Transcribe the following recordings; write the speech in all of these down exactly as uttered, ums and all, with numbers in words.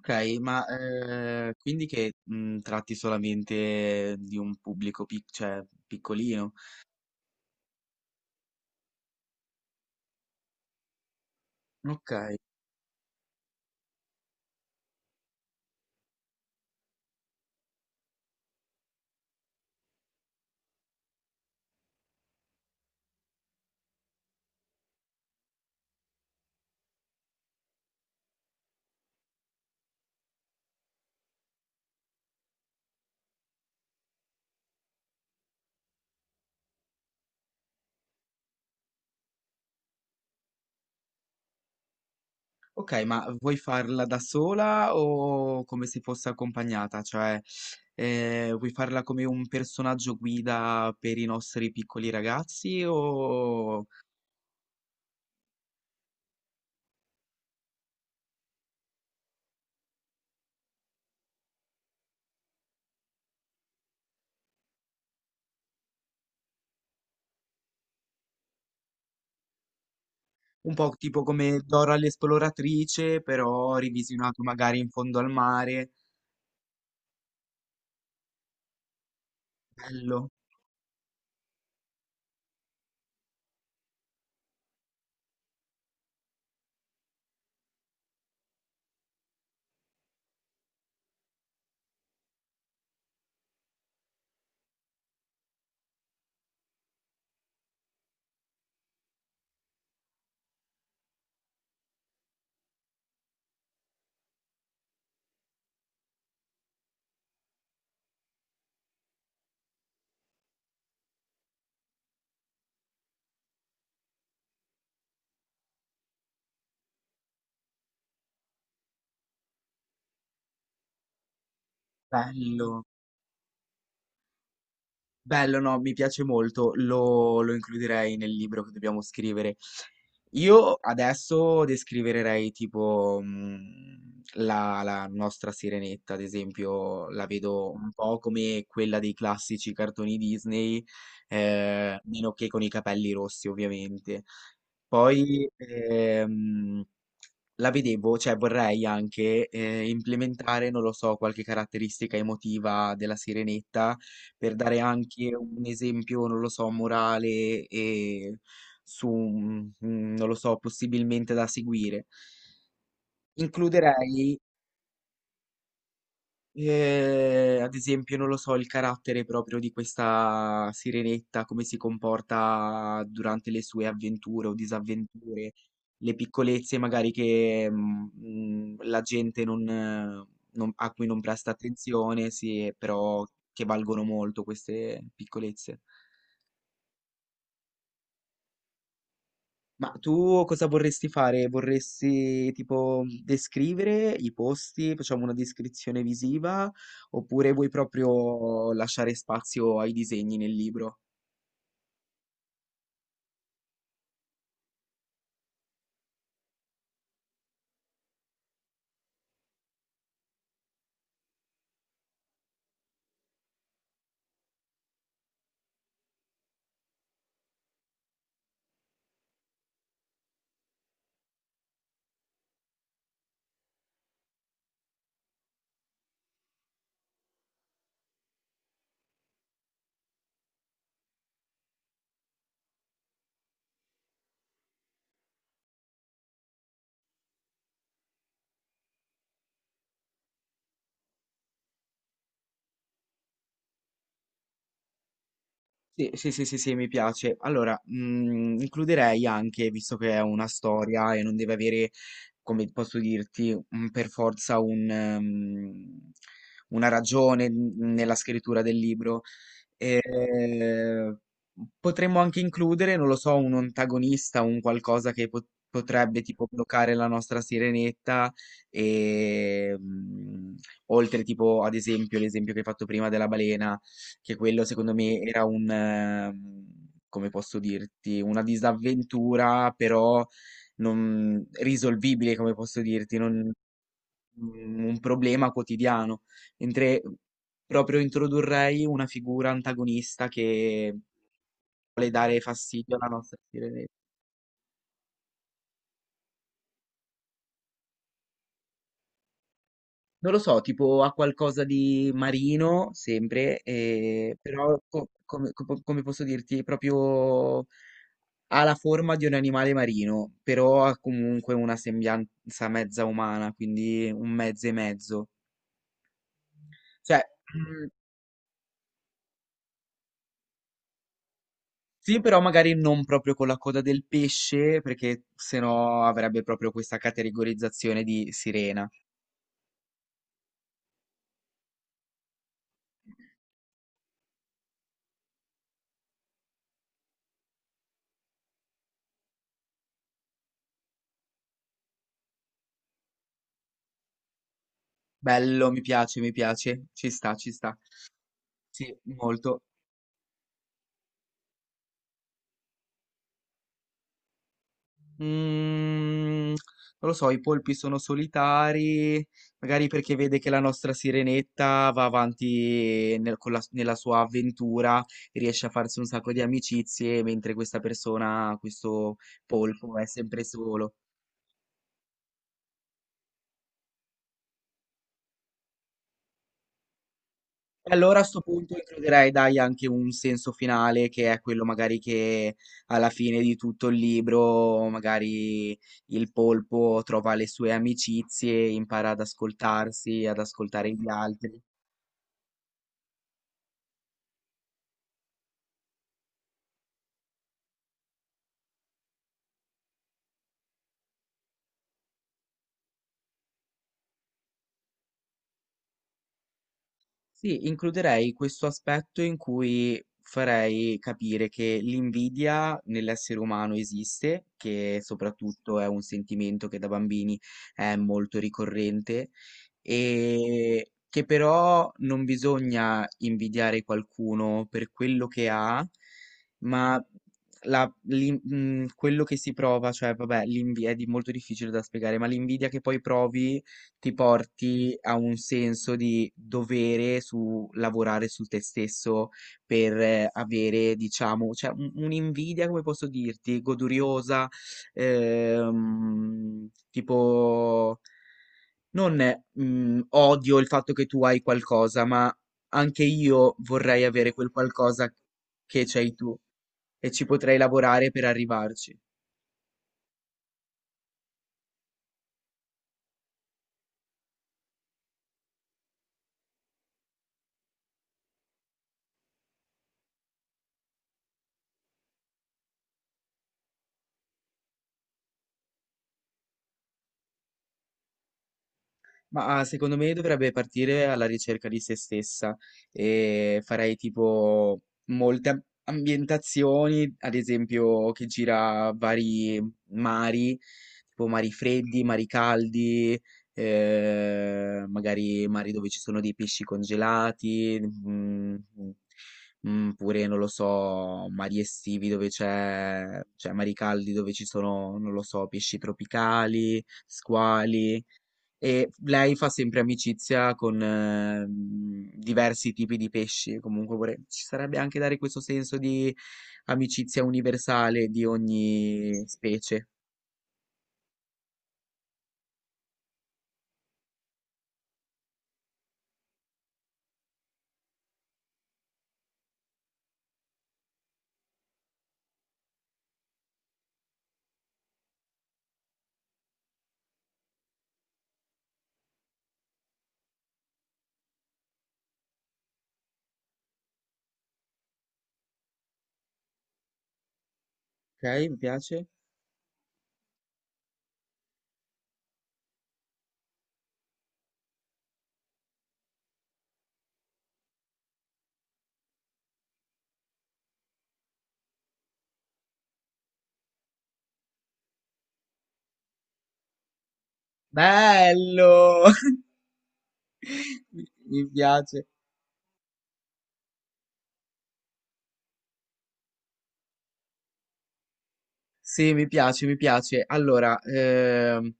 Ok, ma eh, quindi che mh, tratti solamente di un pubblico pic- cioè, piccolino? Ok, ok, ma vuoi farla da sola o come se fosse accompagnata? Cioè, eh, vuoi farla come un personaggio guida per i nostri piccoli ragazzi o un po' tipo come Dora l'esploratrice, però revisionato magari in fondo al mare? Bello, bello. Bello, no, mi piace molto, lo, lo includerei nel libro che dobbiamo scrivere. Io adesso descriverei tipo mh, la, la nostra Sirenetta, ad esempio, la vedo un po' come quella dei classici cartoni Disney, eh, meno che con i capelli rossi, ovviamente. Poi ehm, la vedevo, cioè vorrei anche eh, implementare, non lo so, qualche caratteristica emotiva della Sirenetta per dare anche un esempio, non lo so, morale e su, un- un- non lo so, possibilmente da seguire. Includerei ehm, ad esempio, non lo so, il carattere proprio di questa sirenetta, come si comporta durante le sue avventure o disavventure, le piccolezze magari che, mhmm, la gente non eh, non a cui non presta attenzione, sì, però che valgono molto queste piccolezze. Ma tu cosa vorresti fare? Vorresti tipo descrivere i posti, facciamo una descrizione visiva, oppure vuoi proprio lasciare spazio ai disegni nel libro? Sì, sì, sì, sì, sì, mi piace. Allora, mm, includerei anche, visto che è una storia e non deve avere, come posso dirti, un- per forza un, ehm, una ragione n- nella scrittura del libro. E eh, potremmo anche includere, non lo so, un antagonista, un qualcosa che po- potrebbe tipo bloccare la nostra sirenetta e mm, oltre tipo ad esempio l'esempio che hai fatto prima della balena, che quello secondo me era un ehm, come posso dirti, una disavventura però non risolvibile, come posso dirti, non un un problema quotidiano, mentre proprio introdurrei una figura antagonista che vuole dare fastidio alla nostra sirene. Non lo so, tipo ha qualcosa di marino, sempre, eh, però co- come, co- come posso dirti, proprio ha la forma di un animale marino, però ha comunque una sembianza mezza umana, quindi un mezzo e mezzo. Cioè, sì, però magari non proprio con la coda del pesce, perché sennò avrebbe proprio questa categorizzazione di sirena. Bello, mi piace, mi piace. Ci sta, ci sta. Sì, molto. Mm, non lo so, i polpi sono solitari, magari perché vede che la nostra sirenetta va avanti nel- con la- nella sua avventura, riesce a farsi un sacco di amicizie, mentre questa persona, questo polpo, è sempre solo. E allora a sto punto includerei, dai, anche un senso finale che è quello magari che alla fine di tutto il libro, magari il polpo trova le sue amicizie, impara ad ascoltarsi, ad ascoltare gli altri. Sì, includerei questo aspetto in cui farei capire che l'invidia nell'essere umano esiste, che soprattutto è un sentimento che da bambini è molto ricorrente e che però non bisogna invidiare qualcuno per quello che ha, ma la- l'in- mm, quello che si prova, cioè vabbè, l'invi- è di- molto difficile da spiegare, ma l'invidia che poi provi ti porti a un senso di dovere su lavorare su te stesso per eh, avere, diciamo, cioè un- un'invidia, come posso dirti, goduriosa, ehm, tipo, non eh, mm, odio il fatto che tu hai qualcosa, ma anche io vorrei avere quel qualcosa che c'hai tu e ci potrei lavorare per arrivarci. Ma ah, secondo me dovrebbe partire alla ricerca di se stessa e farei tipo molte am- ambientazioni, ad esempio che gira vari mari, tipo mari freddi, mari caldi, eh, magari mari dove ci sono dei pesci congelati, mm, mm, pure non lo so, mari estivi dove c'è, cioè mari caldi dove ci sono, non lo so, pesci tropicali, squali. E lei fa sempre amicizia con ehm, diversi tipi di pesci, comunque vorrei- ci sarebbe anche dare questo senso di amicizia universale di ogni specie. Ok, mi piace. Bello! Mi mi piace. Sì, mi piace, mi piace. Allora, ehm,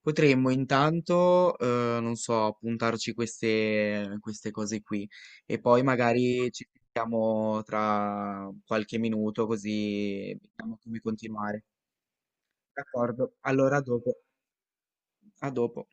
potremmo intanto, eh, non so, puntarci queste, queste cose qui e poi magari ci sentiamo tra qualche minuto così vediamo come continuare. D'accordo, allora a dopo, a dopo.